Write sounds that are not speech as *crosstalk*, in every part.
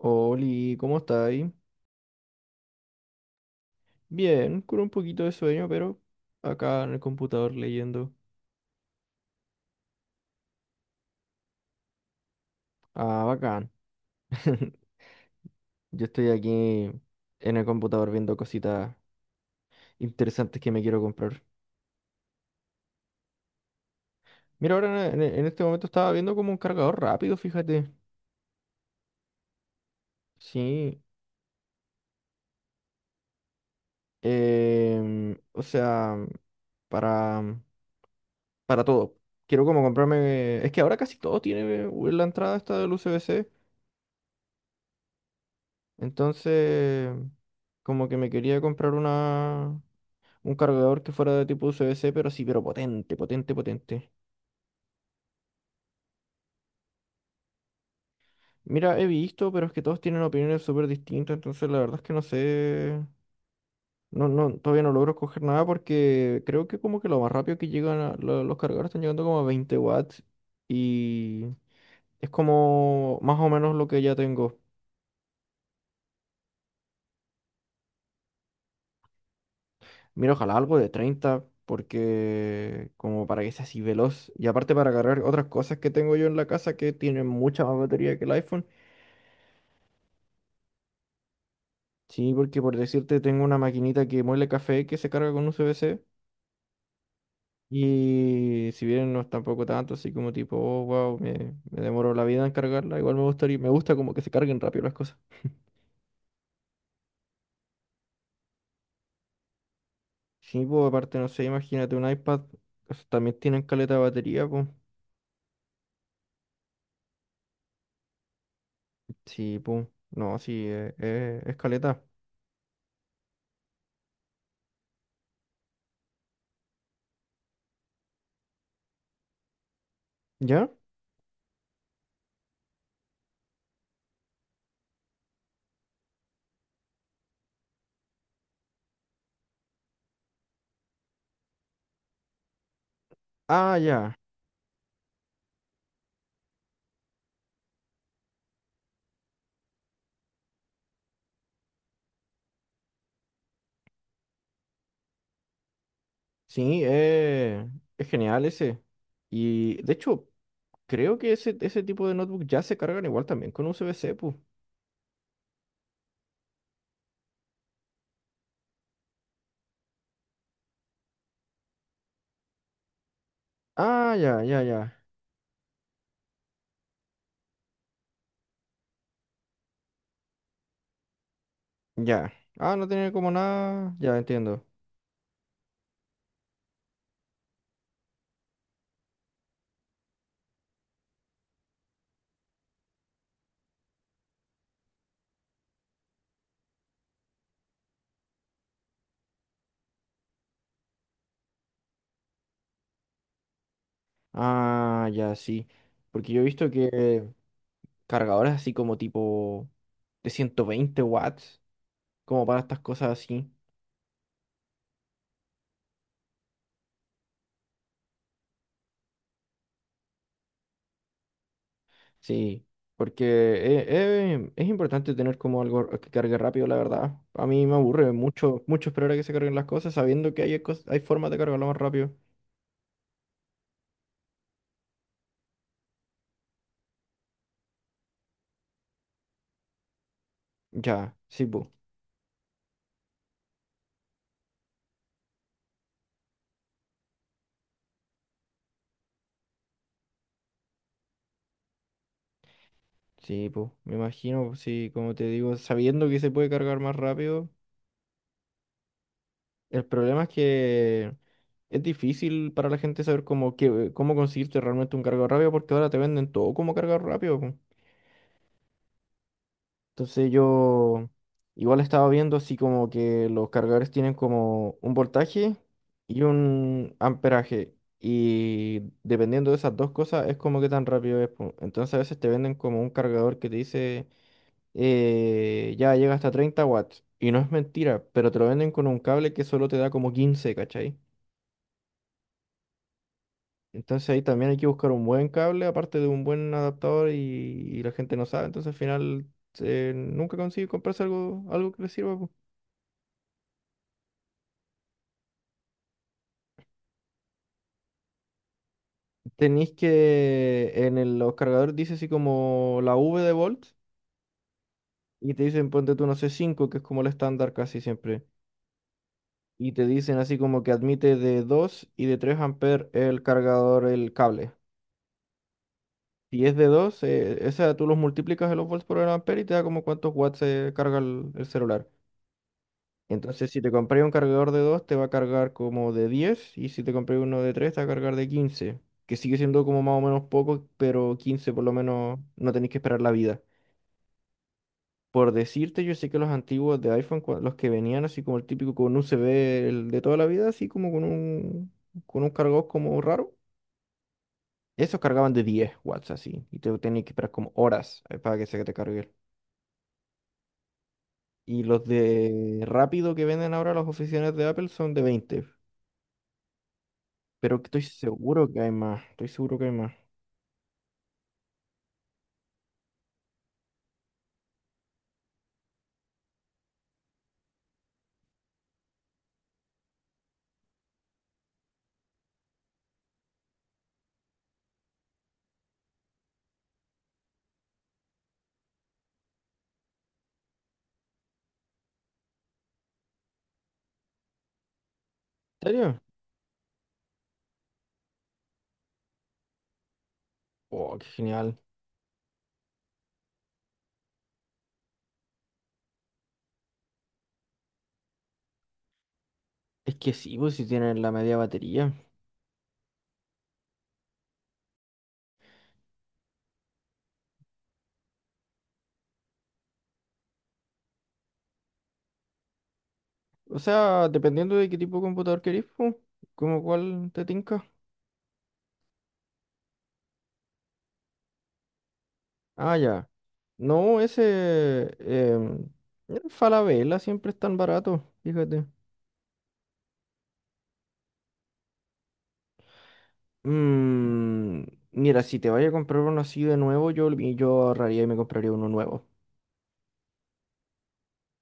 Oli, ¿cómo estáis? Bien, con un poquito de sueño, pero acá en el computador leyendo. Ah, bacán. *laughs* Yo estoy aquí en el computador viendo cositas interesantes que me quiero comprar. Mira, ahora en este momento estaba viendo como un cargador rápido, fíjate. Sí. O sea, para, para todo. Quiero como comprarme... Es que ahora casi todo tiene la entrada esta del USB-C. Entonces, como que me quería comprar una... Un cargador que fuera de tipo USB-C, pero sí, pero potente, potente, potente. Mira, he visto, pero es que todos tienen opiniones súper distintas, entonces la verdad es que no sé. No, no, todavía no logro escoger nada porque creo que como que lo más rápido que los cargadores están llegando como a 20 watts y es como más o menos lo que ya tengo. Mira, ojalá algo de 30 porque como para que sea así veloz y aparte para cargar otras cosas que tengo yo en la casa que tienen mucha más batería que el iPhone. Sí, porque por decirte, tengo una maquinita que muele café que se carga con USB-C. Y si bien no es tampoco tanto, así como tipo, oh, wow, me demoro la vida en cargarla, igual me gustaría, me gusta como que se carguen rápido las cosas. Sí, pues aparte, no sé, imagínate un iPad, esos también tienen caleta de batería, pues. Sí, pues, no, sí, es caleta. ¿Ya? Ah, ya. Sí, es genial ese. Y de hecho, creo que ese tipo de notebook ya se cargan igual también con USB-C, pues. Ah, ya, ya, ya, ya. Ah, no tiene como nada. Ya entiendo. Ah, ya, sí. Porque yo he visto que cargadores así como tipo de 120 watts, como para estas cosas así. Sí, porque es importante tener como algo que cargue rápido, la verdad. A mí me aburre mucho, mucho esperar a que se carguen las cosas sabiendo que hay formas de cargarlo más rápido. Ya, sí, pues. Sí, pues. Me imagino, sí, como te digo, sabiendo que se puede cargar más rápido. El problema es que es difícil para la gente saber cómo conseguirte realmente un cargador rápido porque ahora te venden todo como cargador rápido, po. Entonces yo igual estaba viendo así como que los cargadores tienen como un voltaje y un amperaje. Y dependiendo de esas dos cosas es como que tan rápido es, po. Entonces a veces te venden como un cargador que te dice ya llega hasta 30 watts. Y no es mentira, pero te lo venden con un cable que solo te da como 15, ¿cachai? Entonces ahí también hay que buscar un buen cable, aparte de un buen adaptador y la gente no sabe, entonces al final nunca consigue comprarse algo que le sirva, po. Tenéis que los cargadores dice así como la V de volts y te dicen ponte tú no sé 5 que es como el estándar casi siempre. Y te dicen así como que admite de 2 y de 3 amperes el cargador, el cable. Si es de 2 esa tú los multiplicas en los volts por el ampere y te da como cuántos watts se carga el celular. Entonces, si te compré un cargador de 2 te va a cargar como de 10 y si te compré uno de 3 te va a cargar de 15 que sigue siendo como más o menos poco, pero 15 por lo menos no tenéis que esperar la vida. Por decirte, yo sé que los antiguos de iPhone, los que venían así como el típico con USB el de toda la vida, así como con un cargador como raro, esos cargaban de 10 watts así, y te tenías que esperar como horas para que se te cargue. Y los de rápido que venden ahora las oficinas de Apple son de 20. Pero que estoy seguro que hay más. Estoy seguro que hay más. ¿En serio? Oh, qué genial. Es que sí, pues si tienen la media batería. O sea, dependiendo de qué tipo de computador querés, pues, como cuál te tinca. Ah, ya. No, ese. El Falabella siempre es tan barato, fíjate. Mm, mira, si te vaya a comprar uno así de nuevo, yo ahorraría y me compraría uno nuevo.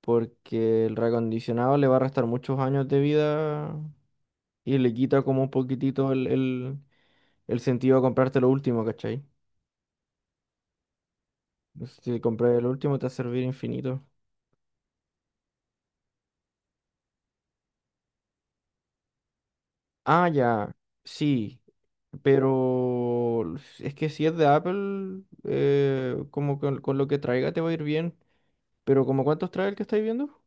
Porque el reacondicionado le va a restar muchos años de vida y le quita como un poquitito el sentido a comprarte lo último, ¿cachai? Si compras el último te va a servir infinito. Ah, ya, sí, pero es que si es de Apple, como con lo que traiga te va a ir bien, pero ¿como cuántos trae el que estáis viendo?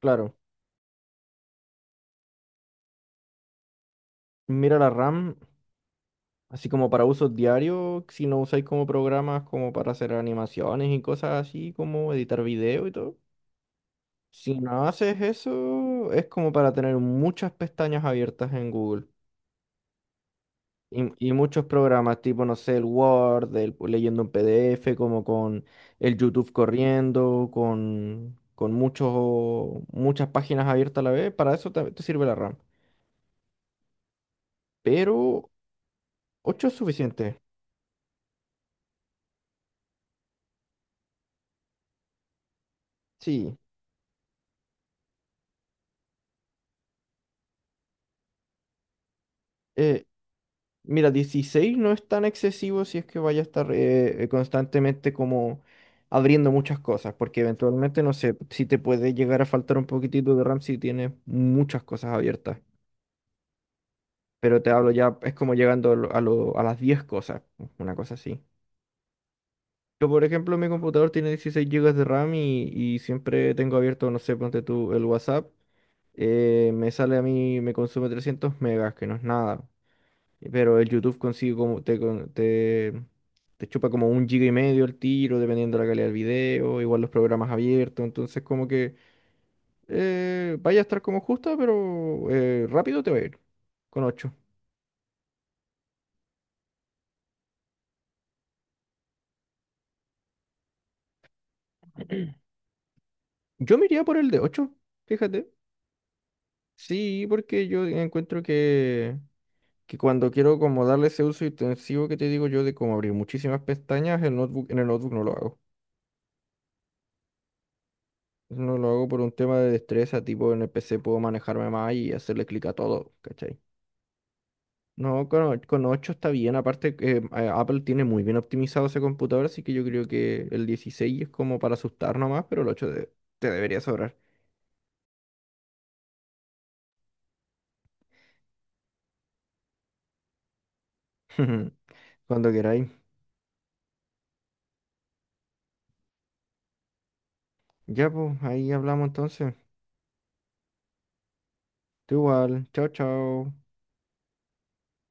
Claro, mira la RAM, así como para uso diario, si no usáis como programas como para hacer animaciones y cosas así, como editar video y todo. Si no haces eso, es como para tener muchas pestañas abiertas en Google. Y muchos programas, tipo, no sé, el Word, el, leyendo un PDF, como con el YouTube corriendo, con muchos, muchas páginas abiertas a la vez. Para eso te sirve la RAM. Pero 8 es suficiente. Sí. Eh, mira, 16 no es tan excesivo si es que vaya a estar constantemente como abriendo muchas cosas, porque eventualmente, no sé, si te puede llegar a faltar un poquitito de RAM si tienes muchas cosas abiertas, pero te hablo ya, es como llegando a las 10 cosas, una cosa así. Yo, por ejemplo, mi computador tiene 16 gigas de RAM y siempre tengo abierto, no sé, ponte tú el WhatsApp, me sale a mí, me consume 300 megas, que no es nada. Pero el YouTube consigue como te, con- te chupa como un giga y medio el tiro, dependiendo de la calidad del video, igual los programas abiertos, entonces como que vaya a estar como justa, pero rápido te va a ir con ocho. Yo me iría por el de ocho, fíjate. Sí, porque yo encuentro que cuando quiero como darle ese uso intensivo que te digo yo de como abrir muchísimas pestañas, en el notebook no lo hago. No lo hago por un tema de destreza, tipo en el PC puedo manejarme más y hacerle clic a todo, ¿cachai? No, con 8 está bien. Aparte, que, Apple tiene muy bien optimizado ese computador, así que yo creo que el 16 es como para asustar nomás, pero te debería sobrar. *laughs* Cuando queráis. Ya, pues, ahí hablamos entonces. Tú igual. Chao, chao.